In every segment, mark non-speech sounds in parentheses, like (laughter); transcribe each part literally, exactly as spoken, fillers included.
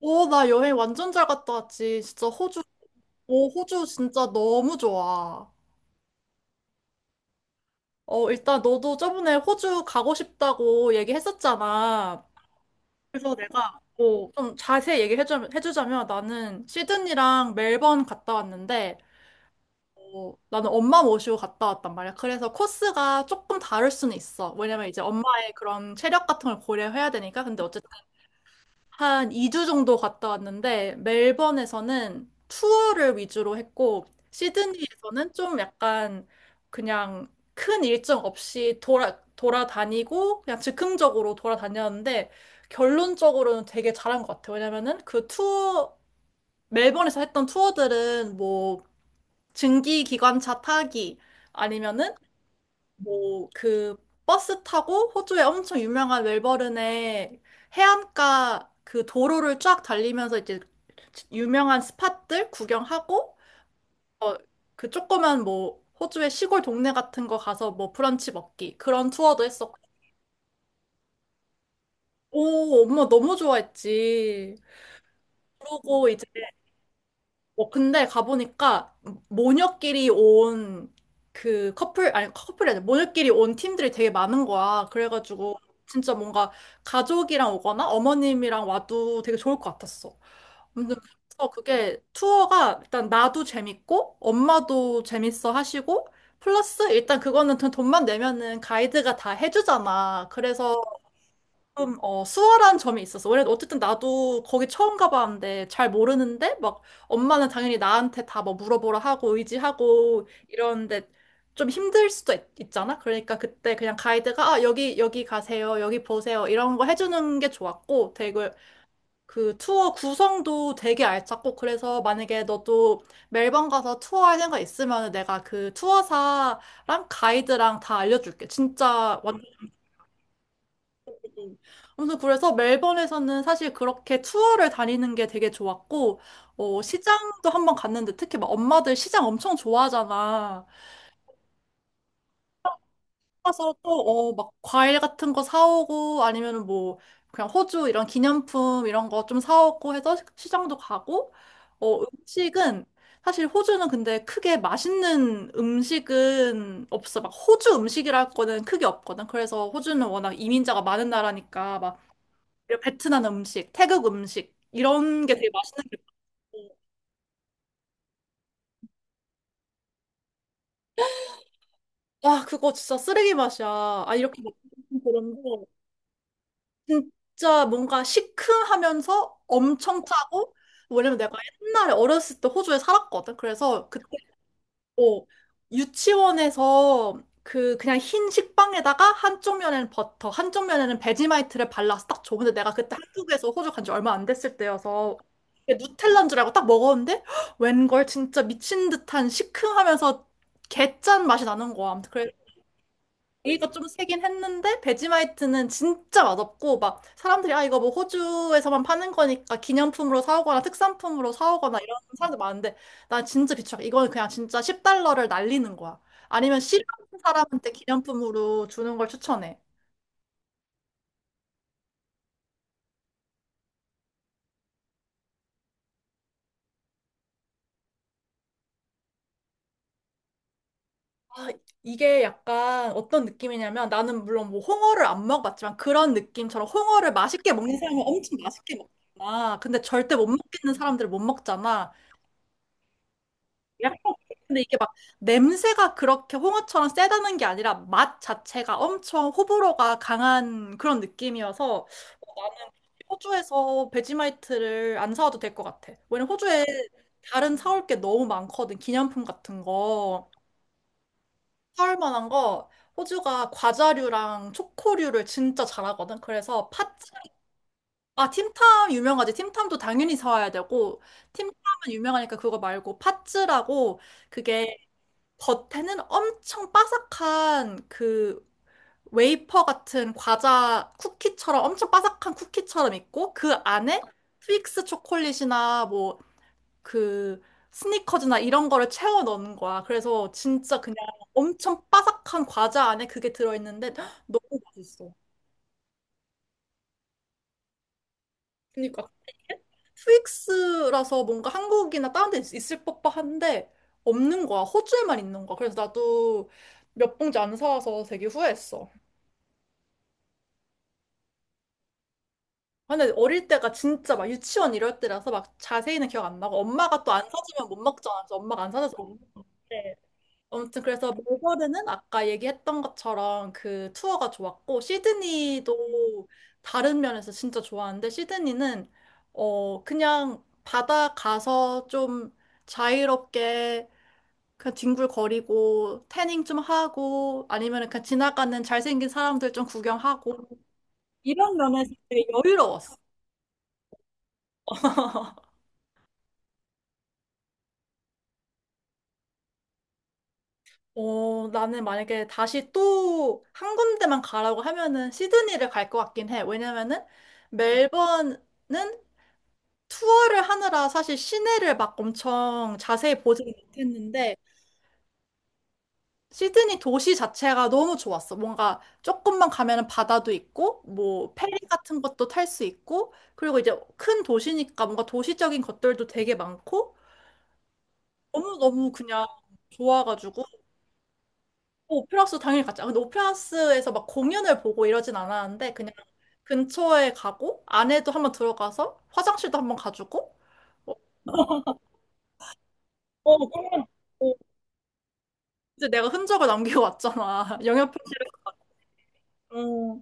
오, 나 여행 완전 잘 갔다 왔지. 진짜 호주, 오, 호주 진짜 너무 좋아. 어, 일단 너도 저번에 호주 가고 싶다고 얘기했었잖아. 그래서 내가 어, 좀 자세히 얘기해주자면, 해주자면 나는 시드니랑 멜번 갔다 왔는데, 어, 나는 엄마 모시고 갔다 왔단 말이야. 그래서 코스가 조금 다를 수는 있어. 왜냐면 이제 엄마의 그런 체력 같은 걸 고려해야 되니까. 근데 어쨌든 한 이 주 정도 갔다 왔는데 멜번에서는 투어를 위주로 했고 시드니에서는 좀 약간 그냥 큰 일정 없이 돌아 돌아다니고 그냥 즉흥적으로 돌아다녔는데 결론적으로는 되게 잘한 것 같아요. 왜냐면은 그 투어 멜번에서 했던 투어들은 뭐 증기 기관차 타기 아니면은 뭐 그 버스 타고 호주의 엄청 유명한 멜버른의 해안가 그 도로를 쫙 달리면서 이제 유명한 스팟들 구경하고 어, 그 조그만 뭐 호주의 시골 동네 같은 거 가서 뭐 브런치 먹기 그런 투어도 했었고 오, 엄마 너무 좋아했지. 그러고 이제 어, 근데 가보니까 모녀끼리 온 그 커플, 아니 커플이 아니라 모녀끼리 온 팀들이 되게 많은 거야. 그래가지고 진짜 뭔가 가족이랑 오거나 어머님이랑 와도 되게 좋을 것 같았어. 아무튼 그래서 그게 투어가 일단 나도 재밌고 엄마도 재밌어 하시고 플러스 일단 그거는 돈- 돈만 내면은 가이드가 다 해주잖아. 그래서 좀, 어, 수월한 점이 있었어. 원래 어쨌든 나도 거기 처음 가봤는데 잘 모르는데 막 엄마는 당연히 나한테 다 뭐 물어보라 하고 의지하고 이러는데 좀 힘들 수도 있, 있잖아. 그러니까 그때 그냥 가이드가 아, 여기, 여기 가세요. 여기 보세요. 이런 거 해주는 게 좋았고 되게 그 투어 구성도 되게 알찼고 그래서 만약에 너도 멜번 가서 투어 할 생각 있으면 내가 그 투어사랑 가이드랑 다 알려줄게. 진짜 음. 아무튼 그래서 멜번에서는 사실 그렇게 투어를 다니는 게 되게 좋았고, 어, 시장도 한번 갔는데 특히 막 엄마들 시장 엄청 좋아하잖아. 가서 또, 어, 막 과일 같은 거 사오고 아니면 뭐 그냥 호주 이런 기념품 이런 거 좀 사오고 해서 시- 시장도 가고, 어, 음식은 사실 호주는 근데 크게 맛있는 음식은 없어. 막 호주 음식이랄 거는 크게 없거든. 그래서 호주는 워낙 이민자가 많은 나라니까 막 그리고 베트남 음식, 태국 음식 이런 게 되게 맛있는 게 와, 그거 진짜 쓰레기 맛이야. 아, 이렇게 맛있는 그런 거 진짜 뭔가 시큼하면서 엄청 짜고 왜냐면 내가 옛날에 어렸을 때 호주에 살았거든. 그래서 그때 어, 유치원에서 그 그냥 흰 식빵에다가 한쪽 면에는 버터, 한쪽 면에는 베지마이트를 발라서 딱 줘. 근데 내가 그때 한국에서 호주 간지 얼마 안 됐을 때여서 이게 누텔라인 줄 알고 딱 먹었는데 헉, 웬걸 진짜 미친 듯한 시큼하면서 개짠 맛이 나는 거야. 아무튼 그래 얘기가 좀 세긴 했는데 베지마이트는 진짜 맛없고 막 사람들이 아 이거 뭐 호주에서만 파는 거니까 기념품으로 사오거나 특산품으로 사오거나 이런 사람들 많은데 난 진짜 비추 이거는 그냥 진짜 십 달러를 날리는 거야. 아니면 싫어하는 사람한테 기념품으로 주는 걸 추천해. 아, 이게 약간 어떤 느낌이냐면 나는 물론 뭐 홍어를 안 먹어봤지만 그런 느낌처럼 홍어를 맛있게 먹는 사람은 엄청 맛있게 먹잖아. 근데 절대 못 먹겠는 사람들은 못 먹잖아. 약간 근데 이게 막 냄새가 그렇게 홍어처럼 세다는 게 아니라 맛 자체가 엄청 호불호가 강한 그런 느낌이어서 어, 나는 호주에서 베지마이트를 안 사와도 될 것 같아. 왜냐면 호주에 다른 사올 게 너무 많거든. 기념품 같은 거. 사올 만한 거 호주가 과자류랑 초코류를 진짜 잘하거든. 그래서 팥, 아, 틴탐 유명하지. 틴탐도 당연히 사와야 되고 틴탐은 유명하니까 그거 말고 팥즈라고 그게 겉에는 엄청 바삭한 그 웨이퍼 같은 과자 쿠키처럼 엄청 바삭한 쿠키처럼 있고 그 안에 트윅스 초콜릿이나 뭐 그 스니커즈나 이런 거를 채워 넣는 거야. 그래서 진짜 그냥 엄청 바삭한 과자 안에 그게 들어있는데 너무 맛있어. 그러니까 트윅스라서 뭔가 한국이나 다른 데 있- 을 법한데 없는 거야. 호주에만 있는 거야. 그래서 나도 몇 봉지 안 사와서 되게 후회했어. 아, 근데 어릴 때가 진짜 막 유치원 이럴 때라서 막 자세히는 기억 안 나고 엄마가 또 안 사주면 못 먹잖아. 그래서 엄마가 안 사줘서 못 먹는데 아무튼 그래서 멜버른은 아까 얘기했던 것처럼 그 투어가 좋았고 시드니도 다른 면에서 진짜 좋았는데 시드니는 어 그냥 바다 가서 좀 자유롭게 그냥 뒹굴거리고 태닝 좀 하고 아니면 그냥 지나가는 잘생긴 사람들 좀 구경하고 이런 면에서 되게 여유로웠어. 어, 나는 만약에 다시 또 한 군데만 가라고 하면은 시드니를 갈 것 같긴 해. 왜냐면은 멜번은 투어를 하느라 사실 시내를 막 엄청 자세히 보지는 못했는데 시드니 도시 자체가 너무 좋았어. 뭔가 조금만 가면은 바다도 있고 뭐 페리 같은 것도 탈 수 있고 그리고 이제 큰 도시니까 뭔가 도시적인 것들도 되게 많고 너무너무 그냥 좋아가지고 오페라 하우스 당연히 갔죠. 근데 오페라 하우스에서 막 공연을 보고 이러진 않았는데 그냥 근처에 가고 안에도 한번 들어가서 화장실도 한번 가주고 어, 어, 그러면 어, 이제 내가 흔적을 남기고 왔잖아. (laughs) 영역 표시를. 어.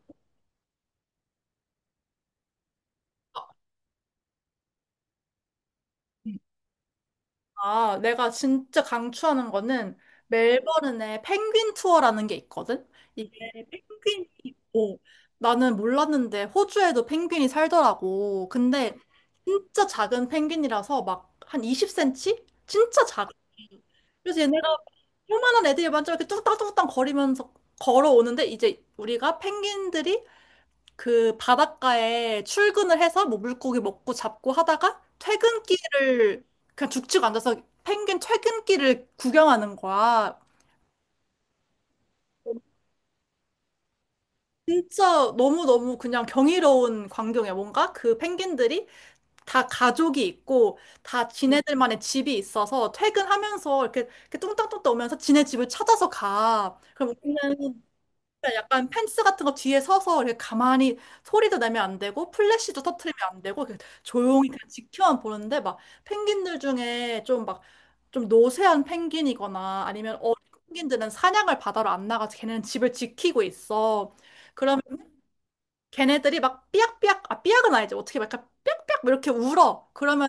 아, 내가 진짜 강추하는 거는 멜버른에 펭귄 투어라는 게 있거든? 이게 펭귄이 있고 나는 몰랐는데 호주에도 펭귄이 살더라고. 근데 진짜 작은 펭귄이라서 막 한 이십 센티미터? 진짜 작아. 그래서 얘네가 요만한 애들이 먼저 이렇게 뚝딱뚝딱 거리면서 걸어오는데 이제 우리가 펭귄들이 그 바닷가에 출근을 해서 뭐 물고기 먹고 잡고 하다가 퇴근길을 그냥 죽치고 앉아서 펭귄 퇴근길을 구경하는 거야. 진짜 너무너무 그냥 경이로운 광경이야. 뭔가 그 펭귄들이 다 가족이 있고 다 지네들만의 집이 있어서 퇴근하면서 이렇게, 이렇게 뚱땅뚱땅 오면서 지네 집을 찾아서 가. 그럼 우리는 그러니까 약간 펜스 같은 거 뒤에 서서 이렇게 가만히 소리도 내면 안 되고 플래시도 터트리면 안 되고 이렇게 조용히 그냥 지켜만 보는데 막 펭귄들 중에 좀 막 좀 노쇠한 펭귄이거나 아니면 어린 펭귄들은 사냥을 바다로 안 나가서 걔네는 집을 지키고 있어. 걔네들이 막 삐약삐약, 아, 삐약은 아니지. 어떻게 막 약간 삐약삐약 뭐 이렇게 울어. 그러면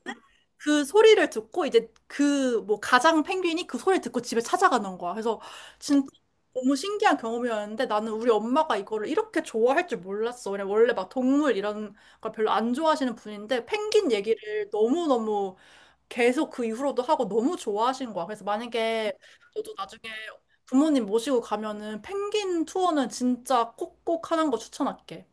그 소리를 듣고 이제 그 뭐 가장 펭귄이 그 소리를 듣고 집에 찾아가는 거야. 그래서 진짜 너무 신기한 경험이었는데 나는 우리 엄마가 이거를 이렇게 좋아할 줄 몰랐어. 그냥 원래 막 동물 이런 걸 별로 안 좋아하시는 분인데 펭귄 얘기를 너무너무 계속 그 이후로도 하고 너무 좋아하신 거야. 그래서 만약에 너도 나중에 부모님 모시고 가면은 펭귄 투어는 진짜 꼭꼭 하는 거 추천할게.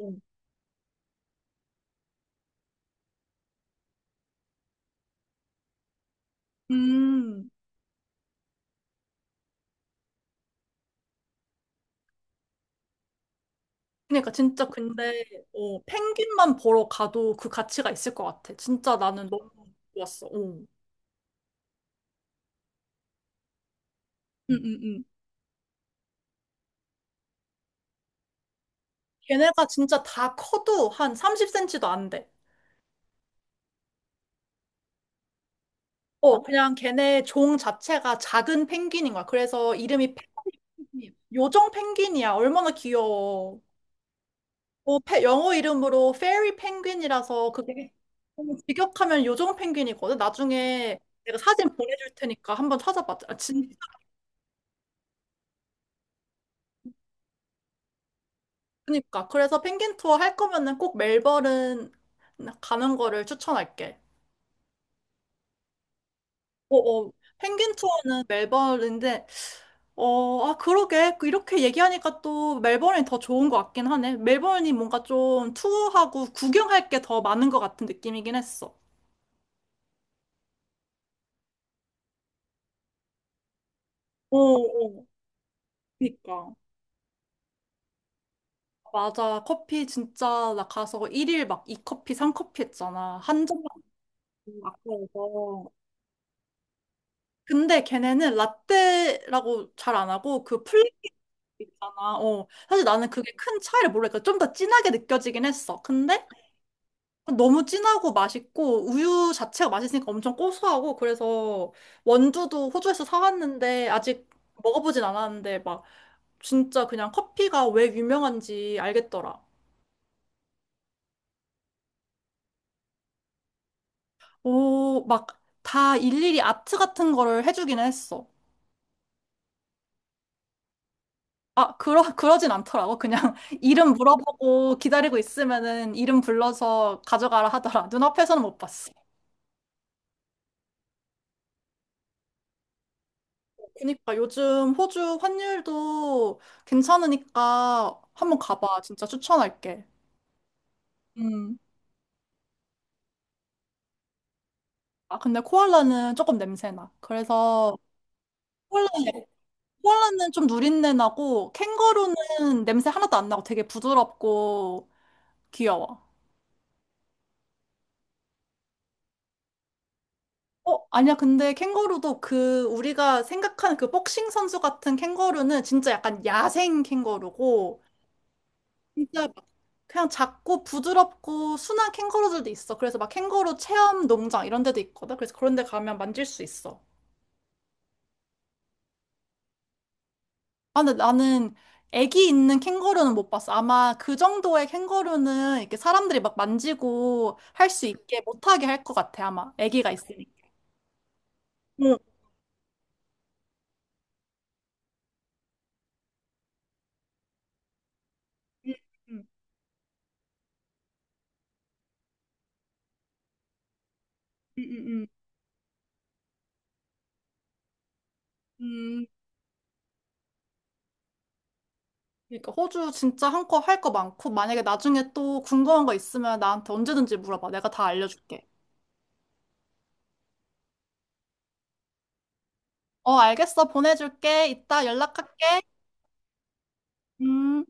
음. 음, 그러니까 진짜 근데 어, 펭귄만 보러 가도 그 가치가 있을 것 같아. 진짜 나는 너무 좋았어. 어. 음, 음, 음. 걔네가 진짜 다 커도 한 삼십 센티미터도 안 돼. 어, 그냥 걔네 종 자체가 작은 펭귄인 거야. 그래서 이름이 펭귄, 요정 펭귄이야. 얼마나 귀여워. 어, 페- 영어 이름으로 페리 펭귄이라서 그게 너무 직역하면 요정 펭귄이거든. 나중에 내가 사진 보내줄 테니까 한번 찾아봐. 아, 그러니까 그래서 펭귄 투어 할 거면은 꼭 멜버른 가는 거를 추천할게. 어, 어. 펭귄 투어는 멜버른인데 어, 아 그러게 그 이렇게 얘기하니까 또 멜버른이 더 좋은 것 같긴 하네. 멜버른이 뭔가 좀 투어하고 구경할 게 더 많은 것 같은 느낌이긴 했어. 어, 어. 그니까. 맞아. 커피 진짜 나 가서 일일 막 이커피삼커피 했잖아. 한 잔만 아까워서. 근데 걔네는 라떼라고 잘 안 하고 그 있잖아. 어. 사실 나는 그게 큰 차이를 모르니까 좀 더 진하게 느껴지긴 했어. 근데 너무 진하고 맛있고 우유 자체가 맛있으니까 엄청 고소하고 그래서 원두도 호주에서 사왔는데 아직 먹어보진 않았는데 막 진짜 그냥 커피가 왜 유명한지 알겠더라. 오, 막 다 일일이 아트 같은 거를 해주긴 했어. 아, 그러, 그러진 않더라고. 그냥 (laughs) 이름 물어보고 기다리고 있으면은 이름 불러서 가져가라 하더라. 눈앞에서는 못 봤어. 그니까 요즘 호주 환율도 괜찮으니까 한번 가봐. 진짜 추천할게. 음. 아, 근데 코알라는 조금 냄새나. 그래서 코알라는, 코알라는 좀 누린내 나고 캥거루는 냄새 하나도 안 나고 되게 부드럽고 귀여워. 어, 아니야. 근데 캥거루도 그 우리가 생각하는 그 복싱 선수 같은 캥거루는 진짜 약간 야생 캥거루고 진짜 막 그냥 작고 부드럽고 순한 캥거루들도 있어. 그래서 막 캥거루 체험 농장 이런 데도 있거든. 그래서 그런 데 가면 만질 수 있어. 아, 근데 나는 애기 있는 캥거루는 못 봤어. 아마 그 정도의 캥거루는 이렇게 사람들이 막 만지고 할 수 있게 못하게 할 것 같아. 아마 애기가 있으니까. 응. 응, 응, 응, 응. 응. 그러니까 호주 진짜 한껏 할 거 많고 만약에 나중에 또 궁금한 거 있으면 나한테 언제든지 물어봐. 내가 다 알려줄게. 어, 알겠어. 보내줄게. 이따 연락할게. 음.